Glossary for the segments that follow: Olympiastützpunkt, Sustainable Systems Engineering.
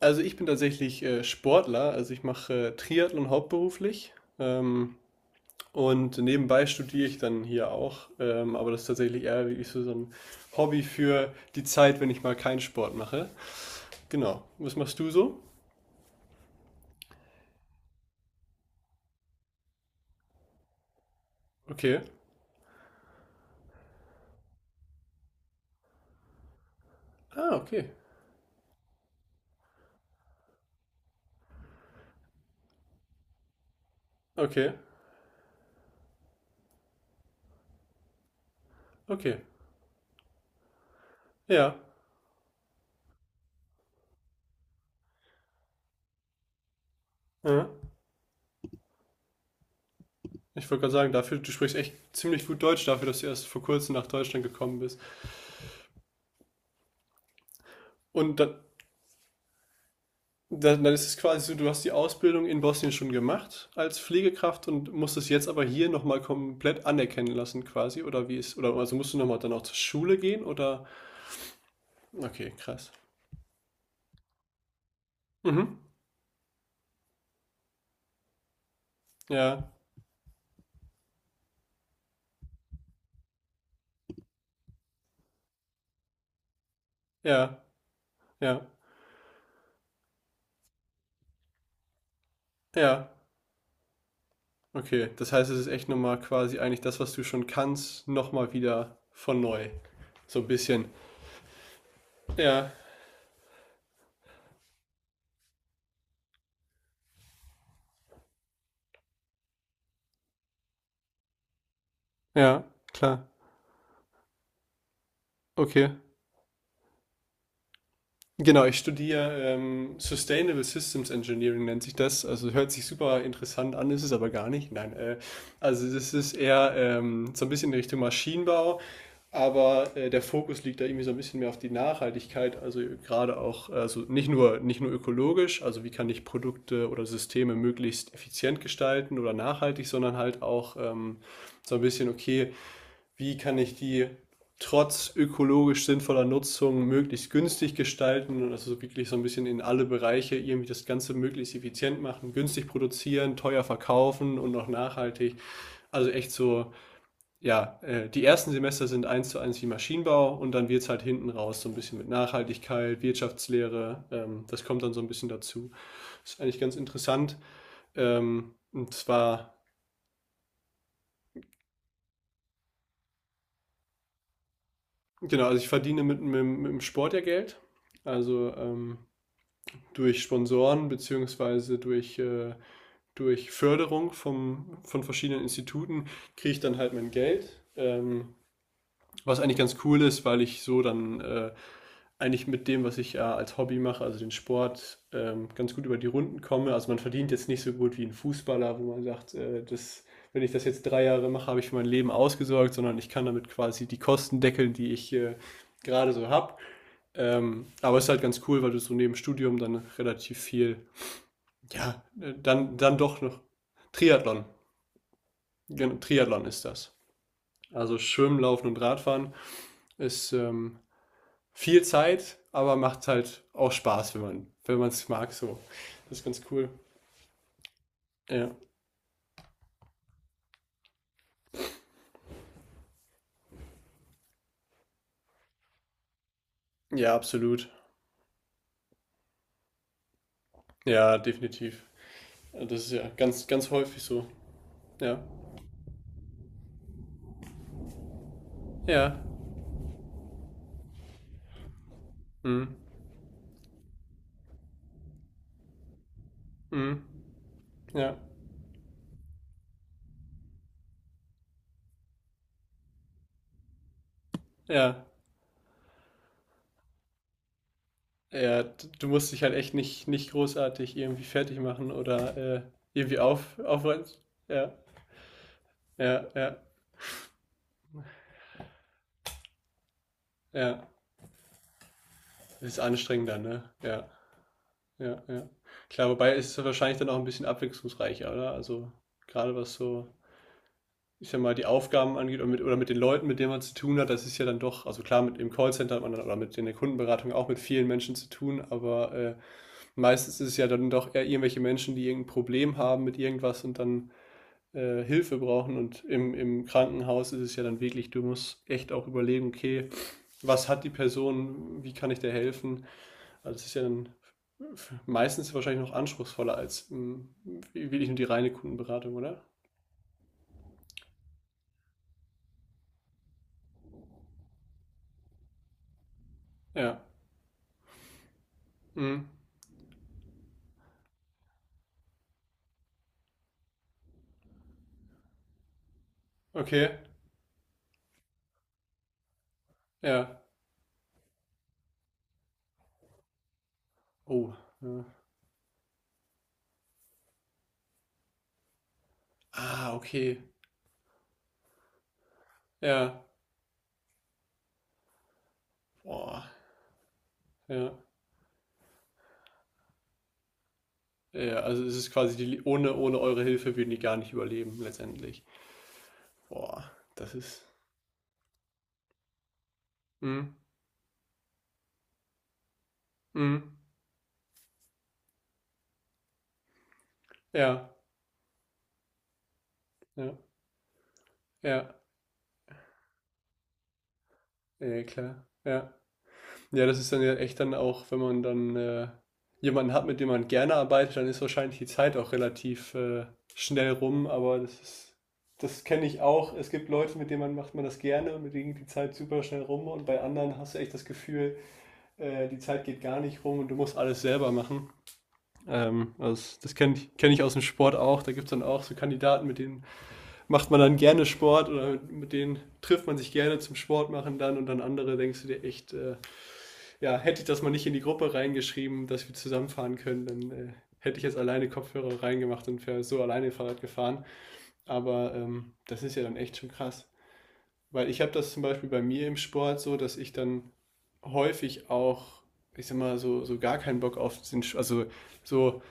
Also ich bin tatsächlich Sportler, also ich mache Triathlon hauptberuflich und nebenbei studiere ich dann hier auch, aber das ist tatsächlich eher wirklich so ein Hobby für die Zeit, wenn ich mal keinen Sport mache. Genau. Was machst du so? Okay. Ah, okay. Okay. Okay. Ja. Ja. Ich wollte gerade sagen, dafür, du sprichst echt ziemlich gut Deutsch dafür, dass du erst vor kurzem nach Deutschland gekommen bist. Und dann, dann ist es quasi so, du hast die Ausbildung in Bosnien schon gemacht als Pflegekraft und musst es jetzt aber hier nochmal komplett anerkennen lassen, quasi, oder wie ist, oder also musst du nochmal dann auch zur Schule gehen oder? Okay, krass. Mhm. Ja, ja, ja, ja. Okay. Das heißt, es ist echt nochmal quasi eigentlich das, was du schon kannst, nochmal wieder von neu. So ein bisschen. Ja, ja, klar. Okay. Genau, ich studiere Sustainable Systems Engineering nennt sich das. Also hört sich super interessant an, ist es aber gar nicht. Nein, also das ist eher so ein bisschen in Richtung Maschinenbau, aber der Fokus liegt da irgendwie so ein bisschen mehr auf die Nachhaltigkeit. Also gerade auch, also nicht nur ökologisch, also wie kann ich Produkte oder Systeme möglichst effizient gestalten oder nachhaltig, sondern halt auch so ein bisschen okay wie kann ich die trotz ökologisch sinnvoller Nutzung möglichst günstig gestalten und also wirklich so ein bisschen in alle Bereiche irgendwie das Ganze möglichst effizient machen, günstig produzieren, teuer verkaufen und noch nachhaltig. Also echt so, ja, die ersten Semester sind eins zu eins wie Maschinenbau und dann wird es halt hinten raus so ein bisschen mit Nachhaltigkeit, Wirtschaftslehre, das kommt dann so ein bisschen dazu. Ist eigentlich ganz interessant. Und zwar, genau, also ich verdiene mit dem Sport ja Geld. Also durch Sponsoren beziehungsweise durch Förderung von verschiedenen Instituten kriege ich dann halt mein Geld. Was eigentlich ganz cool ist, weil ich so dann eigentlich mit dem, was ich als Hobby mache, also den Sport, ganz gut über die Runden komme. Also man verdient jetzt nicht so gut wie ein Fußballer, wo man sagt, das, wenn ich das jetzt 3 Jahre mache, habe ich für mein Leben ausgesorgt, sondern ich kann damit quasi die Kosten deckeln, die ich gerade so habe. Aber es ist halt ganz cool, weil du so neben Studium dann relativ viel ja, dann doch noch. Triathlon. Genau, Triathlon ist das. Also Schwimmen, Laufen und Radfahren ist viel Zeit, aber macht halt auch Spaß, wenn wenn man es mag, so. Das ist ganz cool. Ja, ja, absolut. Ja, definitiv. Das ist ja ganz, ganz häufig so. Ja. Ja. Mhm. Mhm. Ja. Ja. Ja, du musst dich halt echt nicht großartig irgendwie fertig machen oder irgendwie aufräumen. Ja. Ja, ja, ja. Das ist anstrengender, ne? Ja, ja, ja. Klar, wobei ist es wahrscheinlich dann auch ein bisschen abwechslungsreicher, oder? Also gerade was so, ich sag mal, die Aufgaben angeht oder mit den Leuten, mit denen man zu tun hat, das ist ja dann doch, also klar, mit im Callcenter hat man dann oder mit in der Kundenberatung auch mit vielen Menschen zu tun, aber meistens ist es ja dann doch eher irgendwelche Menschen, die irgendein Problem haben mit irgendwas und dann Hilfe brauchen. Und im Krankenhaus ist es ja dann wirklich, du musst echt auch überlegen, okay, was hat die Person, wie kann ich der helfen? Also es ist ja dann meistens wahrscheinlich noch anspruchsvoller als wirklich nur die reine Kundenberatung, oder? Ja. Mhm. Okay. Ja. Oh. Ja. Ah, okay. Ja. Boah. Ja. Ja, also es ist quasi die, ohne eure Hilfe würden die gar nicht überleben, letztendlich. Boah, das ist. Mm, mm, ja, ja, ja, ja, klar. Ja, ja, das ist dann ja echt dann auch, wenn man dann jemanden hat, mit dem man gerne arbeitet, dann ist wahrscheinlich die Zeit auch relativ schnell rum, aber das ist, das kenne ich auch. Es gibt Leute, mit denen man macht man das gerne und mit denen geht die Zeit super schnell rum und bei anderen hast du echt das Gefühl, die Zeit geht gar nicht rum und du musst alles selber machen. Also das kenne ich, kenn ich aus dem Sport auch. Da gibt es dann auch so Kandidaten, mit denen macht man dann gerne Sport oder mit, denen trifft man sich gerne zum Sport machen dann und dann andere denkst du dir echt, ja, hätte ich das mal nicht in die Gruppe reingeschrieben, dass wir zusammenfahren können, dann hätte ich jetzt alleine Kopfhörer reingemacht und wäre so alleine Fahrrad gefahren. Aber das ist ja dann echt schon krass. Weil ich habe das zum Beispiel bei mir im Sport so, dass ich dann häufig auch, ich sag mal, so, so gar keinen Bock auf den, also so,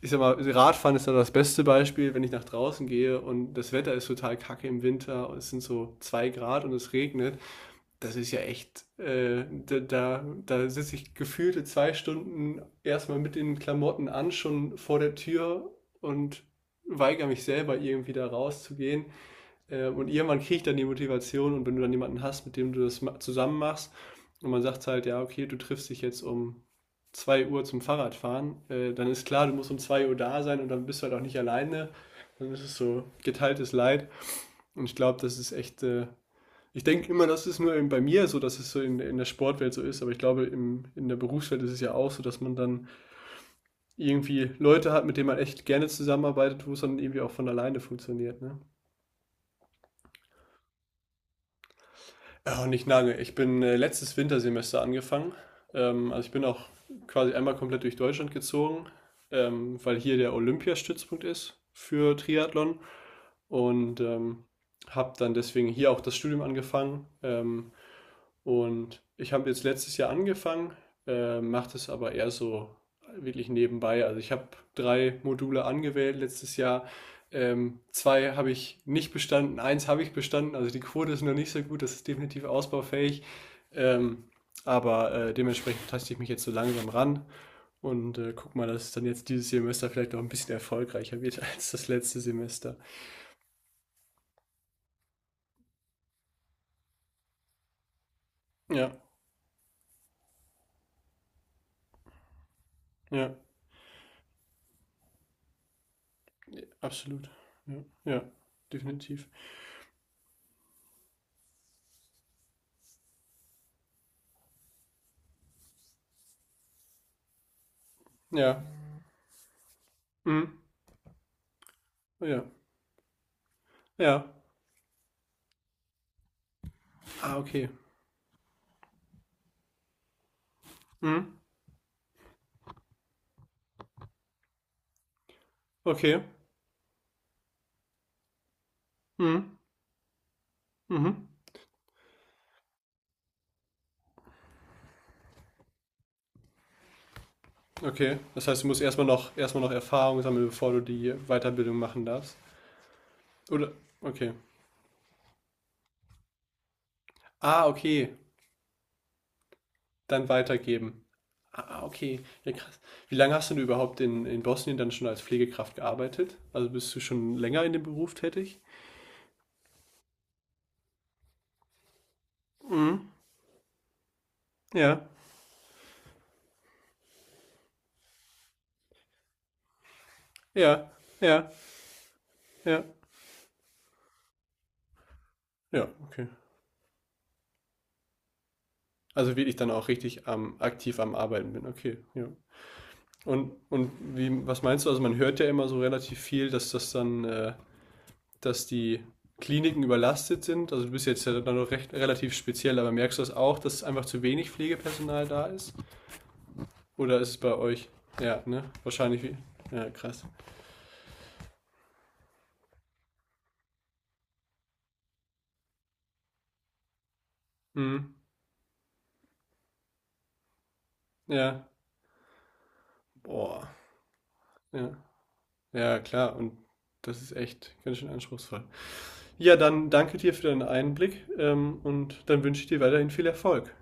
ich sag mal, Radfahren ist dann das beste Beispiel, wenn ich nach draußen gehe und das Wetter ist total kacke im Winter und es sind so 2 Grad und es regnet das ist ja echt, da sitze ich gefühlte 2 Stunden erstmal mit den Klamotten an, schon vor der Tür und weigere mich selber irgendwie da rauszugehen. Und irgendwann kriege ich dann die Motivation und wenn du dann jemanden hast, mit dem du das zusammen machst und man sagt halt, ja, okay, du triffst dich jetzt um 2 Uhr zum Fahrradfahren, dann ist klar, du musst um 2 Uhr da sein und dann bist du halt auch nicht alleine. Dann ist es so geteiltes Leid und ich glaube, das ist echt ich denke immer, das ist nur eben bei mir so, dass es so in der Sportwelt so ist, aber ich glaube, im, in der Berufswelt ist es ja auch so, dass man dann irgendwie Leute hat, mit denen man echt gerne zusammenarbeitet, wo es dann irgendwie auch von alleine funktioniert. Ne? Oh, nicht lange. Ich bin letztes Wintersemester angefangen. Also ich bin auch quasi einmal komplett durch Deutschland gezogen, weil hier der Olympiastützpunkt ist für Triathlon und habe dann deswegen hier auch das Studium angefangen. Und ich habe jetzt letztes Jahr angefangen, mache das aber eher so wirklich nebenbei. Also ich habe drei Module angewählt letztes Jahr. Zwei habe ich nicht bestanden, eins habe ich bestanden. Also die Quote ist noch nicht so gut, das ist definitiv ausbaufähig. Ähm, aber dementsprechend taste ich mich jetzt so langsam ran und guck mal, dass es dann jetzt dieses Semester vielleicht noch ein bisschen erfolgreicher wird als das letzte Semester. Ja, ja, absolut. Ja, ja definitiv. Ja, mhm. Ja. Ja. Ah, okay. Mhm. Okay. Mhm. Mhm. Okay. Das heißt, du musst erstmal noch Erfahrung sammeln, bevor du die Weiterbildung machen darfst. Oder? Okay. Ah, okay. Dann weitergeben. Ah, okay. Ja, krass. Wie lange hast du denn überhaupt in Bosnien dann schon als Pflegekraft gearbeitet? Also bist du schon länger in dem Beruf tätig? Mhm. Ja. Ja. Ja. Ja. Ja, okay. Also wirklich dann auch richtig aktiv am Arbeiten bin. Okay. Ja. Und wie, was meinst du? Also man hört ja immer so relativ viel, dass das dann, dass die Kliniken überlastet sind. Also du bist jetzt ja dann noch recht, relativ speziell, aber merkst du das auch, dass einfach zu wenig Pflegepersonal da ist? Oder ist es bei euch? Ja, ne? Wahrscheinlich wie. Ja, krass. Mhm. Ja. Boah. Ja. Ja, klar. Und das ist echt ganz schön anspruchsvoll. Ja, dann danke dir für deinen Einblick, und dann wünsche ich dir weiterhin viel Erfolg.